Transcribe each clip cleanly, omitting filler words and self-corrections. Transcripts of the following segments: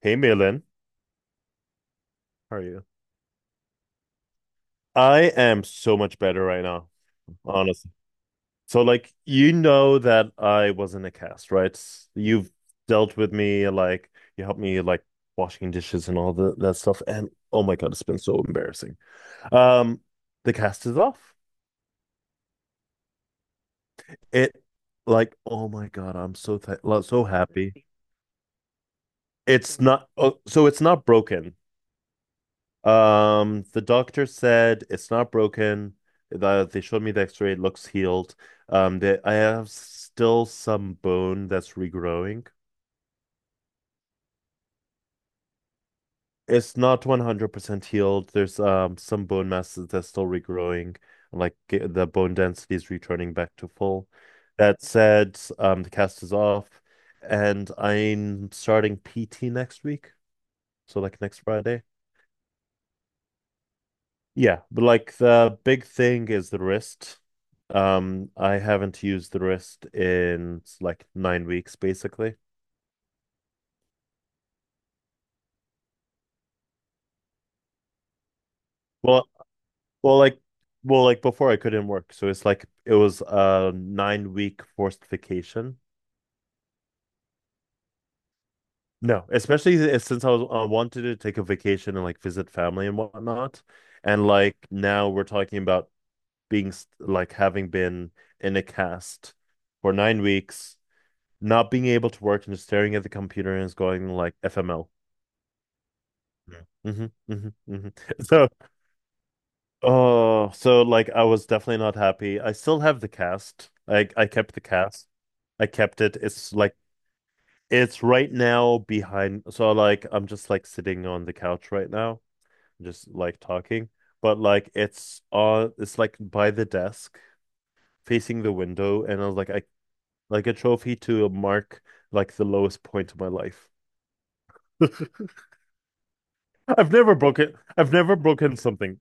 Hey, Malin. How are you? I am so much better right now, honestly. So, like, you know that I was in a cast, right? You've dealt with me, like, you helped me, like, washing dishes and that stuff. And oh my God, it's been so embarrassing. Um, the cast is off. It, oh my God, I'm so th so happy. It's not broken. The doctor said it's not broken. They showed me the X-ray, it looks healed. I have still some bone that's regrowing. It's not 100% healed. There's some bone masses that's still regrowing, like the bone density is returning back to full. That said, the cast is off, and I'm starting PT next week, so like next Friday. Yeah, but like the big thing is the wrist. I haven't used the wrist in like 9 weeks, basically. Well, well, like, well, before I couldn't work, so it's like it was a 9 week forced vacation. No, especially since I wanted to take a vacation and like visit family and whatnot, and like now we're talking about like having been in a cast for 9 weeks not being able to work and just staring at the computer and it's going like FML. Hmm, hmm, hmm. So, oh, so like I was definitely not happy. I still have the cast. Like I kept the cast. I kept it. It's right now behind. So like I'm just like sitting on the couch right now, just like talking. But like it's on. It's like by the desk, facing the window, and I was like, I like a trophy to mark like the lowest point of my life. I've never broken something.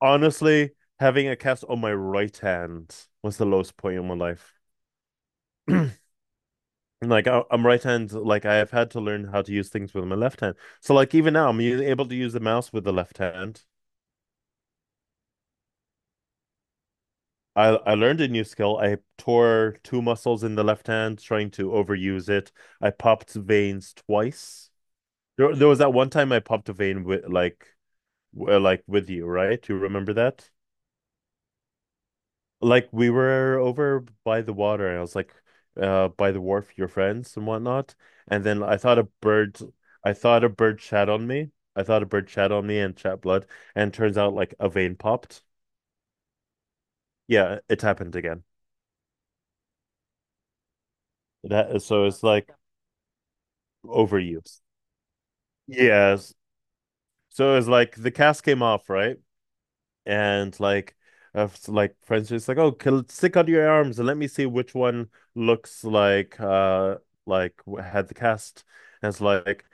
Honestly, having a cast on my right hand was the lowest point in my life. Like I'm right hand, like I have had to learn how to use things with my left hand. So like even now, able to use the mouse with the left hand. I learned a new skill. I tore two muscles in the left hand trying to overuse it. I popped veins twice. There was that one time I popped a vein with like like with you, right? You remember that? Like we were over by the water, and I was like, by the wharf, your friends and whatnot. And then I thought a bird, I thought a bird shat on me. I thought a bird shat on me and shat blood, and turns out like a vein popped. Yeah, it happened again. That So it's like overuse. Yes. So it's like the cast came off, right? and like uh, like friends just like oh kill, stick under your arms and let me see which one looks like like had the cast, and it's like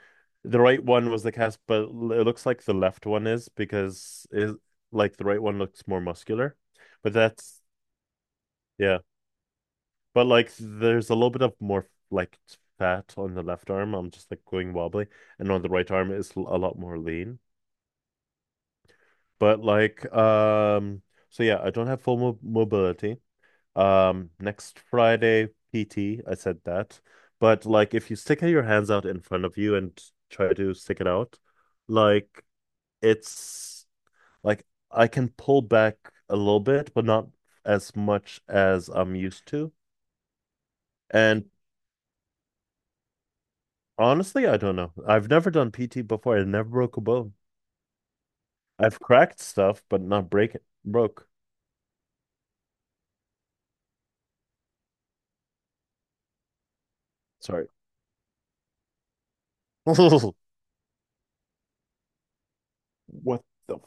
the right one was the cast, but it looks like the left one is because it like the right one looks more muscular, but that's yeah, but like there's a little bit of more like fat on the left arm, I'm just like going wobbly, and on the right arm is a lot more lean, but like so yeah, I don't have full mo mobility. Next Friday, PT, I said that. But like if you stick your hands out in front of you and try to stick it out, like it's like, I can pull back a little bit, but not as much as I'm used to. And honestly, I don't know. I've never done PT before. I never broke a bone. I've cracked stuff, but not break it. Broke. Sorry. What the f-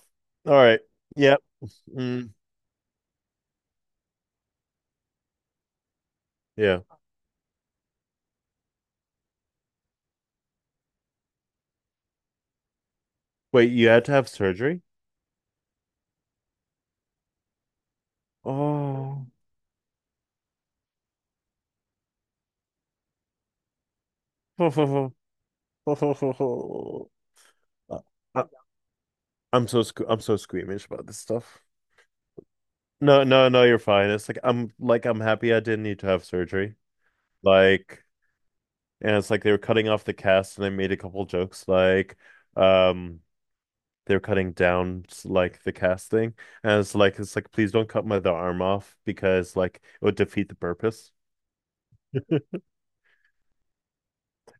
All right. Yeah. Mm, yeah. Wait, you had to have surgery? Oh, ho, ho, ho, ho, ho, ho, ho. I, I, I'm so I'm so squeamish about this stuff. No, no, no, You're fine. It's like I'm happy I didn't need to have surgery. Like, and it's like they were cutting off the cast, and they made a couple jokes like, um, they were cutting down like the cast thing, and it's like please don't cut my the arm off because like it would defeat the purpose.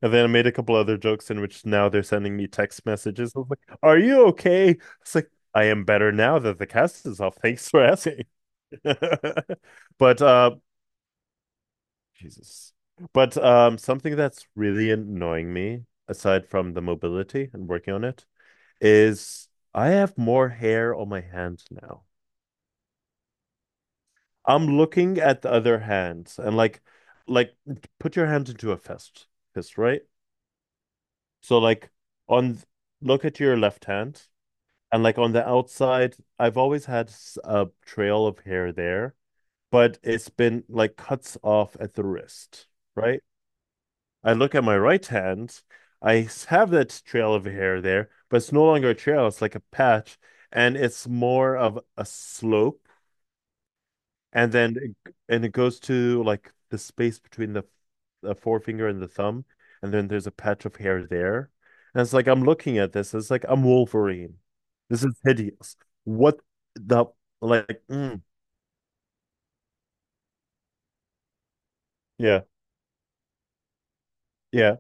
And then I made a couple other jokes in which now they're sending me text messages. I was like, "Are you okay?" It's like I am better now that the cast is off. Thanks for asking. But Jesus. But something that's really annoying me, aside from the mobility and working on it, is I have more hair on my hand now. I'm looking at the other hands and like put your hand into a fist, right? So on, look at your left hand. And like on the outside, I've always had a trail of hair there, but it's been like cuts off at the wrist, right? I look at my right hand, I have that trail of hair there, but it's no longer a trail, it's like a patch, and it's more of a slope, and and it goes to like the space between the forefinger and the thumb, and then there's a patch of hair there. And it's like I'm looking at this. It's like I'm Wolverine. This is hideous. What the like? Mm, yeah, yeah,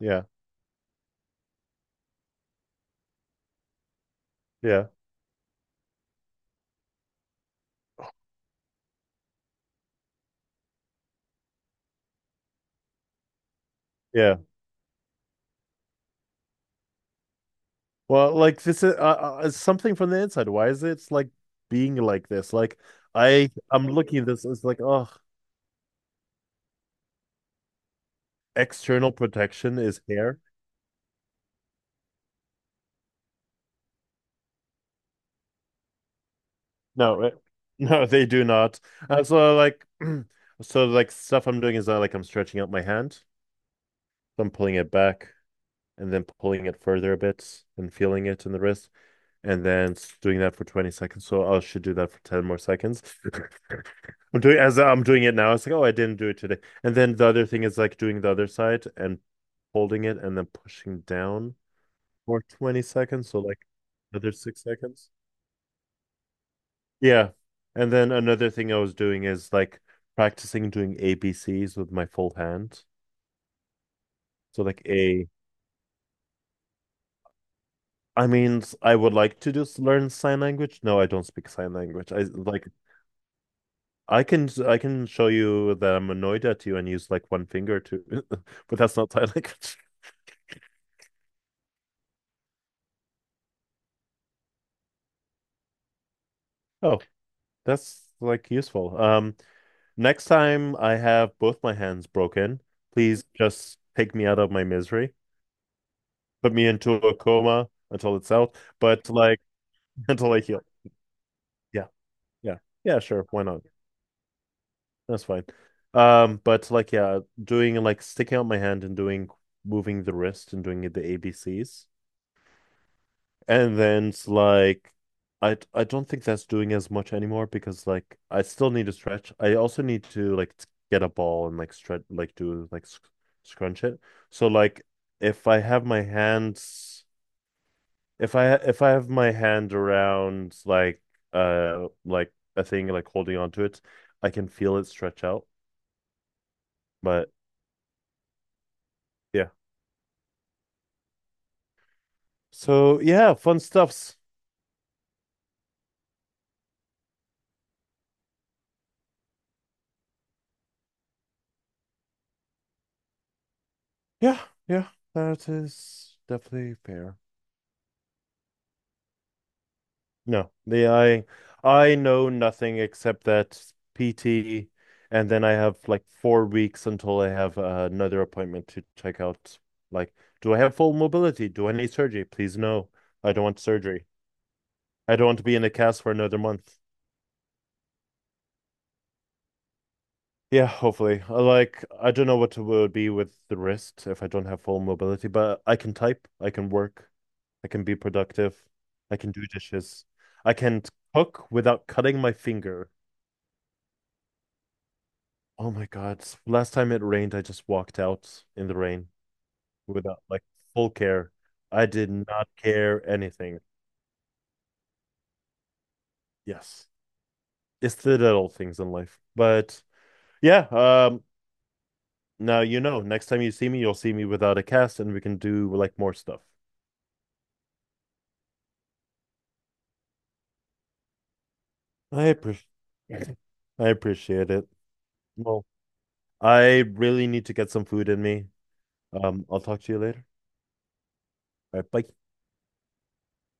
yeah, yeah, yeah. Well, like this is something from the inside. Why is it like being like this? Like I'm looking at this. It's like oh, external protection is hair. No, it- no, they do not. And so like so like stuff I'm doing is that like I'm stretching out my hand, so I'm pulling it back and then pulling it further a bit and feeling it in the wrist and then doing that for 20 seconds. So I should do that for 10 more seconds. I'm doing as I'm doing it now. It's like, oh, I didn't do it today. And then the other thing is like doing the other side and holding it and then pushing down for 20 seconds. So like another 6 seconds. Yeah. And then another thing I was doing is like practicing doing ABCs with my full hand. So like A, I mean, I would like to just learn sign language. No, I don't speak sign language. I can show you that I'm annoyed at you and use like one finger to, but that's not sign language. Oh, that's like useful. Next time I have both my hands broken, please just take me out of my misery, put me into a coma until it's out, but like until I heal. Yeah, yeah, yeah, sure. Why not? That's fine. But like, yeah, doing like sticking out my hand and doing moving the wrist and doing it the ABCs, and then it's like, I don't think that's doing as much anymore because like I still need to stretch. I also need to like get a ball and like stretch, like do like scrunch it. So like, if I have my hands. If I have my hand around like a thing like holding onto it, I can feel it stretch out. But yeah. So yeah, fun stuffs. Yeah, yeah. That is definitely fair. No, the I know nothing except that PT, and then I have like 4 weeks until I have another appointment to check out. Like, do I have full mobility? Do I need surgery? Please no. I don't want surgery. I don't want to be in a cast for another month. Yeah, hopefully. I like, I don't know what it will be with the wrist if I don't have full mobility, but I can type, I can work, I can be productive, I can do dishes, I can cook without cutting my finger. Oh my God. Last time it rained, I just walked out in the rain without like full care. I did not care anything. Yes. It's the little things in life. But yeah, now you know, next time you see me, you'll see me without a cast and we can do like more stuff. I appreciate I appreciate it. Well, I really need to get some food in me. I'll talk to you later. All right, bye.